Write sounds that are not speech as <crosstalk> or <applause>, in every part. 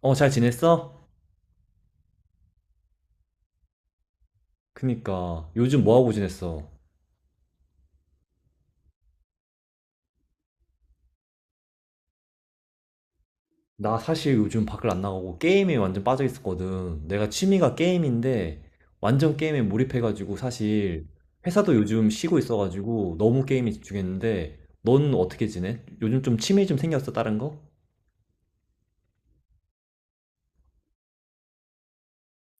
어, 잘 지냈어? 그니까, 요즘 뭐하고 지냈어? 나 사실 요즘 밖을 안 나가고 게임에 완전 빠져 있었거든. 내가 취미가 게임인데, 완전 게임에 몰입해가지고 사실, 회사도 요즘 쉬고 있어가지고 너무 게임에 집중했는데, 넌 어떻게 지내? 요즘 좀 취미 좀 생겼어, 다른 거?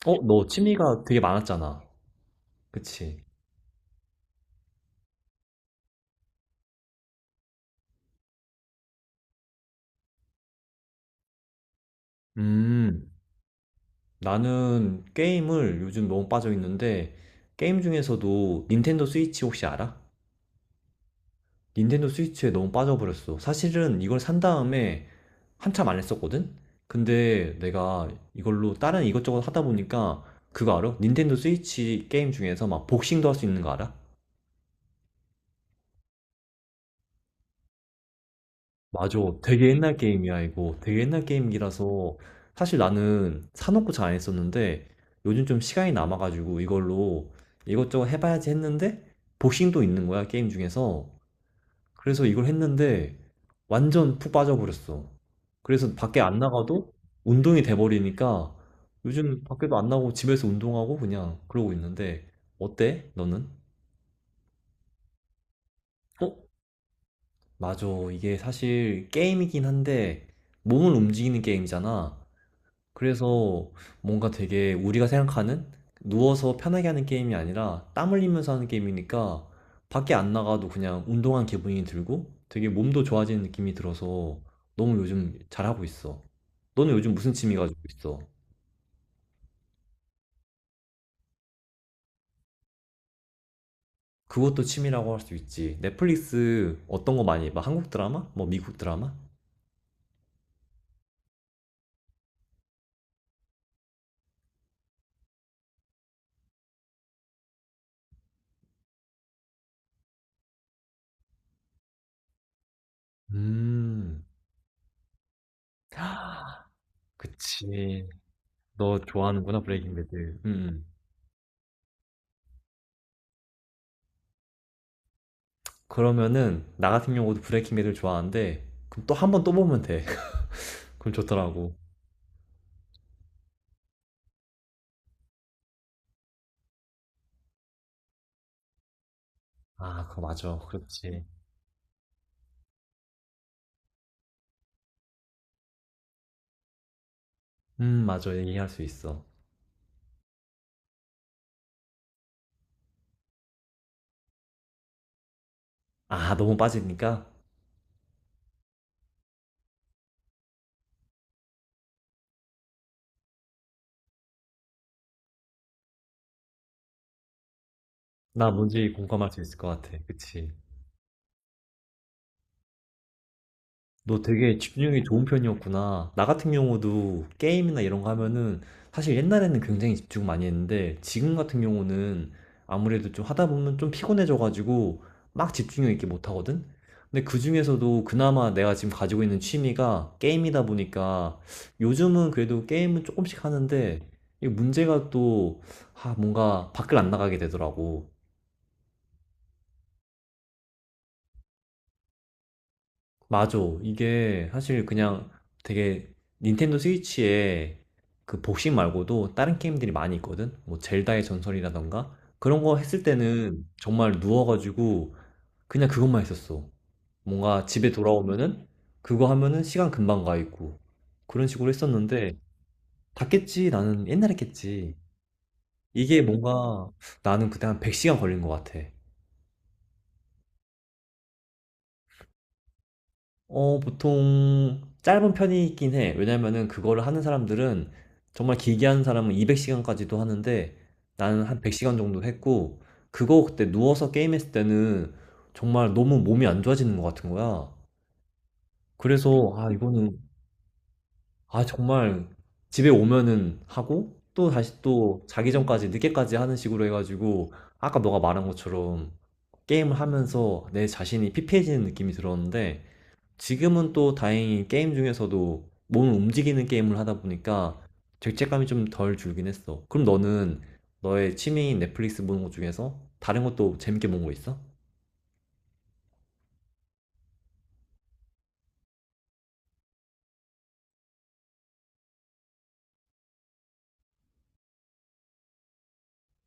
어, 너 취미가 되게 많았잖아. 그치? 음, 나는 게임을 요즘 너무 빠져 있는데, 게임 중에서도 닌텐도 스위치 혹시 알아? 닌텐도 스위치에 너무 빠져버렸어. 사실은 이걸 산 다음에 한참 안 했었거든? 근데 내가 이걸로 다른 이것저것 하다 보니까 그거 알아? 닌텐도 스위치 게임 중에서 막 복싱도 할 수 있는 거 알아? 맞아. 되게 옛날 게임이야, 이거. 되게 옛날 게임이라서 사실 나는 사놓고 잘 안 했었는데 요즘 좀 시간이 남아가지고 이걸로 이것저것 해봐야지 했는데 복싱도 있는 거야, 게임 중에서. 그래서 이걸 했는데 완전 푹 빠져버렸어. 그래서 밖에 안 나가도 운동이 돼버리니까 요즘 밖에도 안 나가고 집에서 운동하고 그냥 그러고 있는데 어때? 너는? 어? 맞아. 이게 사실 게임이긴 한데 몸을 움직이는 게임이잖아. 그래서 뭔가 되게 우리가 생각하는 누워서 편하게 하는 게임이 아니라 땀 흘리면서 하는 게임이니까 밖에 안 나가도 그냥 운동한 기분이 들고 되게 몸도 좋아지는 느낌이 들어서 너무 요즘 잘하고 있어. 너는 요즘 무슨 취미 가지고 있어? 그것도 취미라고 할 수 있지. 넷플릭스 어떤 거 많이 봐? 한국 드라마? 뭐 미국 드라마? 음. <gasps> 그치. 너 좋아하는구나, 브레이킹 배드. 음. 그러면은 나 같은 경우도 브레이킹 배드를 좋아하는데 그럼 또 한 번 또 보면 돼. <laughs> 그럼 좋더라고. 아, 그거 맞아. 그렇지. 맞아. 얘기할 수 있어. 아, 너무 빠지니까 나 뭔지 공감할 수 있을 것 같아. 그치? 너 되게 집중력이 좋은 편이었구나. 나 같은 경우도 게임이나 이런 거 하면은 사실 옛날에는 굉장히 집중 많이 했는데 지금 같은 경우는 아무래도 좀 하다 보면 좀 피곤해져가지고 막 집중력 있게 못 하거든? 근데 그중에서도 그나마 내가 지금 가지고 있는 취미가 게임이다 보니까 요즘은 그래도 게임은 조금씩 하는데 이 문제가 또, 아, 뭔가 밖을 안 나가게 되더라고. 맞아. 이게 사실 그냥 되게 닌텐도 스위치에 그 복식 말고도 다른 게임들이 많이 있거든? 뭐 젤다의 전설이라던가 그런 거 했을 때는 정말 누워가지고 그냥 그것만 했었어. 뭔가 집에 돌아오면은 그거 하면은 시간 금방 가 있고 그런 식으로 했었는데 다 깼지. 나는 옛날에 깼지. 이게 뭔가 나는 그때 한 100시간 걸린 것 같아. 어, 보통 짧은 편이긴 해. 왜냐면은 그거를 하는 사람들은 정말 길게 하는 사람은 200시간까지도 하는데 나는 한 100시간 정도 했고 그거 그때 누워서 게임했을 때는 정말 너무 몸이 안 좋아지는 것 같은 거야. 그래서 아, 이거는 아, 정말 집에 오면은 하고 또 다시 또 자기 전까지 늦게까지 하는 식으로 해가지고 아까 너가 말한 것처럼 게임을 하면서 내 자신이 피폐해지는 느낌이 들었는데 지금은 또 다행히 게임 중에서도 몸을 움직이는 게임을 하다 보니까 죄책감이 좀 덜 줄긴 했어. 그럼 너는 너의 취미인 넷플릭스 보는 것 중에서 다른 것도 재밌게 본 거 있어?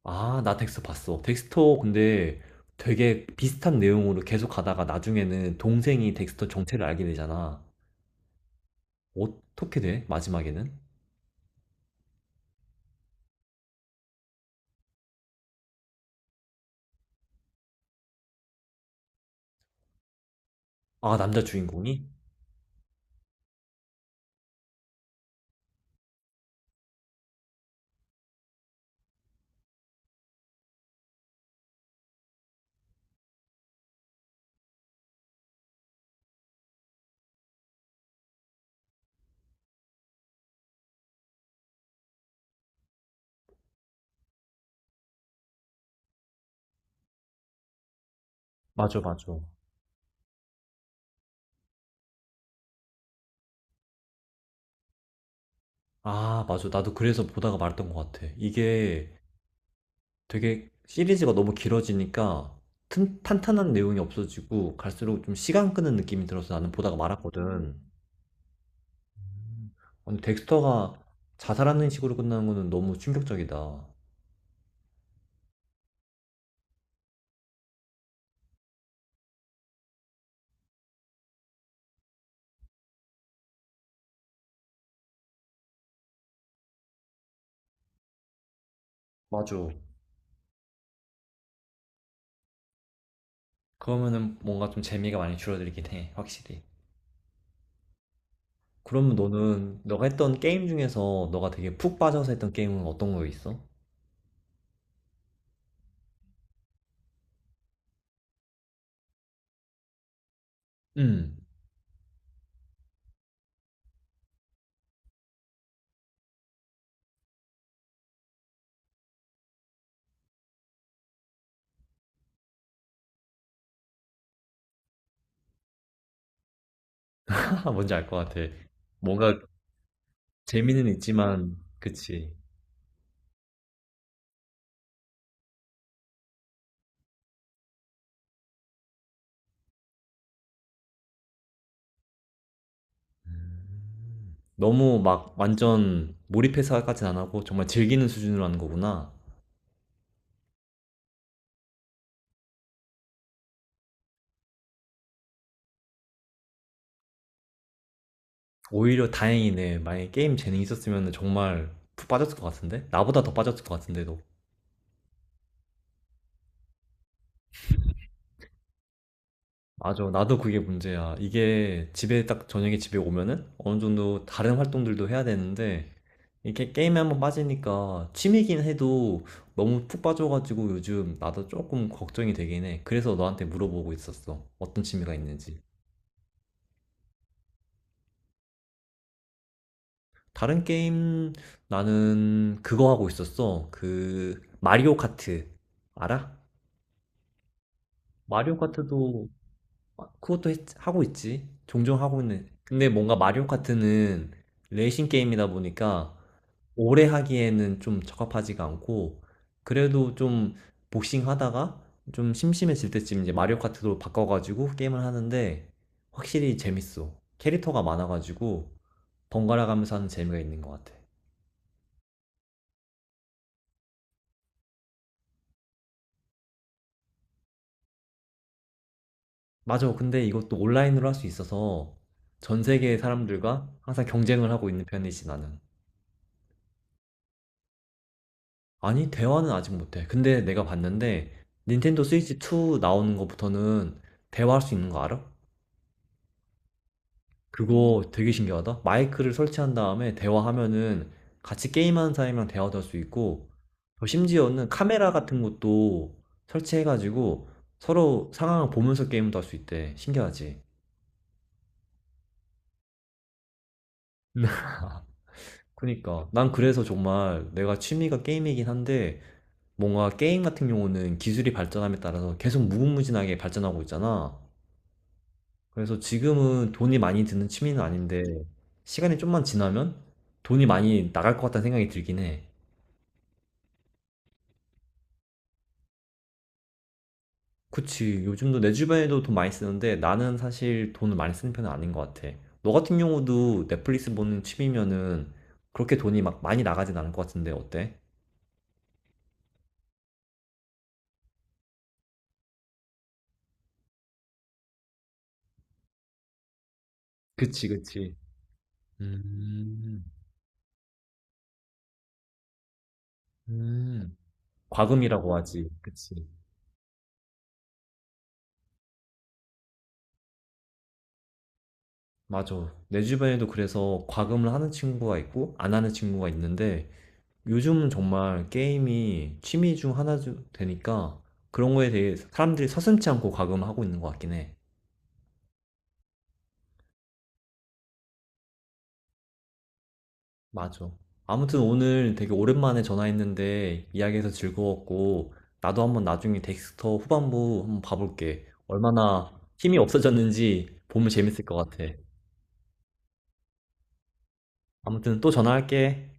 아, 나 덱스터 봤어. 덱스터 근데 되게 비슷한 내용으로 계속 가다가 나중에는 동생이 덱스터 정체를 알게 되잖아. 어떻게 돼? 마지막에는? 아, 남자 주인공이? 맞아, 맞아. 아, 맞아. 나도 그래서 보다가 말았던 것 같아. 이게 되게 시리즈가 너무 길어지니까 탄탄한 내용이 없어지고 갈수록 좀 시간 끄는 느낌이 들어서 나는 보다가 말았거든. 근데 덱스터가 자살하는 식으로 끝나는 거는 너무 충격적이다. 맞아. 그러면은 뭔가 좀 재미가 많이 줄어들긴 해, 확실히. 그러면 너는 너가 했던 게임 중에서 너가 되게 푹 빠져서 했던 게임은 어떤 거 있어? 음, <laughs> 뭔지 알 것 같아. 뭔가 재미는 있지만, 그치. 너무 막 완전 몰입해서까진 안 하고 정말 즐기는 수준으로 하는 거구나. 오히려 다행이네. 만약에 게임 재능이 있었으면 정말 푹 빠졌을 것 같은데? 나보다 더 빠졌을 것 같은데도. 맞아. 나도 그게 문제야. 이게 집에 딱 저녁에 집에 오면은 어느 정도 다른 활동들도 해야 되는데 이렇게 게임에 한번 빠지니까 취미긴 해도 너무 푹 빠져가지고 요즘 나도 조금 걱정이 되긴 해. 그래서 너한테 물어보고 있었어. 어떤 취미가 있는지. 다른 게임 나는 그거 하고 있었어. 그 마리오 카트 알아? 마리오 카트도 아, 그것도 하고 있지. 종종 하고 있는. 근데 뭔가 마리오 카트는 레이싱 게임이다 보니까 오래 하기에는 좀 적합하지가 않고 그래도 좀 복싱 하다가 좀 심심해질 때쯤 이제 마리오 카트로 바꿔가지고 게임을 하는데 확실히 재밌어. 캐릭터가 많아가지고 번갈아 가면서 하는 재미가 있는 것 같아. 맞아. 근데 이것도 온라인으로 할 수 있어서 전 세계의 사람들과 항상 경쟁을 하고 있는 편이지, 나는. 아니, 대화는 아직 못해. 근데 내가 봤는데 닌텐도 스위치 2 나오는 것부터는 대화할 수 있는 거 알아? 그거 되게 신기하다. 마이크를 설치한 다음에 대화하면은 같이 게임하는 사람이랑 대화도 할 수 있고, 또 심지어는 카메라 같은 것도 설치해가지고 서로 상황을 보면서 게임도 할 수 있대. 신기하지? <laughs> 그니까 난 그래서 정말 내가 취미가 게임이긴 한데 뭔가 게임 같은 경우는 기술이 발전함에 따라서 계속 무궁무진하게 발전하고 있잖아. 그래서 지금은 돈이 많이 드는 취미는 아닌데 시간이 좀만 지나면 돈이 많이 나갈 것 같다는 생각이 들긴 해. 그치. 요즘도 내 주변에도 돈 많이 쓰는데 나는 사실 돈을 많이 쓰는 편은 아닌 것 같아. 너 같은 경우도 넷플릭스 보는 취미면은 그렇게 돈이 막 많이 나가진 않을 것 같은데 어때? 그치, 그치. 음, 음. 과금이라고 하지. 그치. 맞아. 내 주변에도 그래서 과금을 하는 친구가 있고, 안 하는 친구가 있는데, 요즘은 정말 게임이 취미 중 하나 되니까, 그런 거에 대해 사람들이 서슴지 않고 과금을 하고 있는 것 같긴 해. 맞아. 아무튼 오늘 되게 오랜만에 전화했는데, 이야기해서 즐거웠고, 나도 한번 나중에 덱스터 후반부 한번 봐볼게. 얼마나 힘이 없어졌는지 보면 재밌을 것 같아. 아무튼 또 전화할게.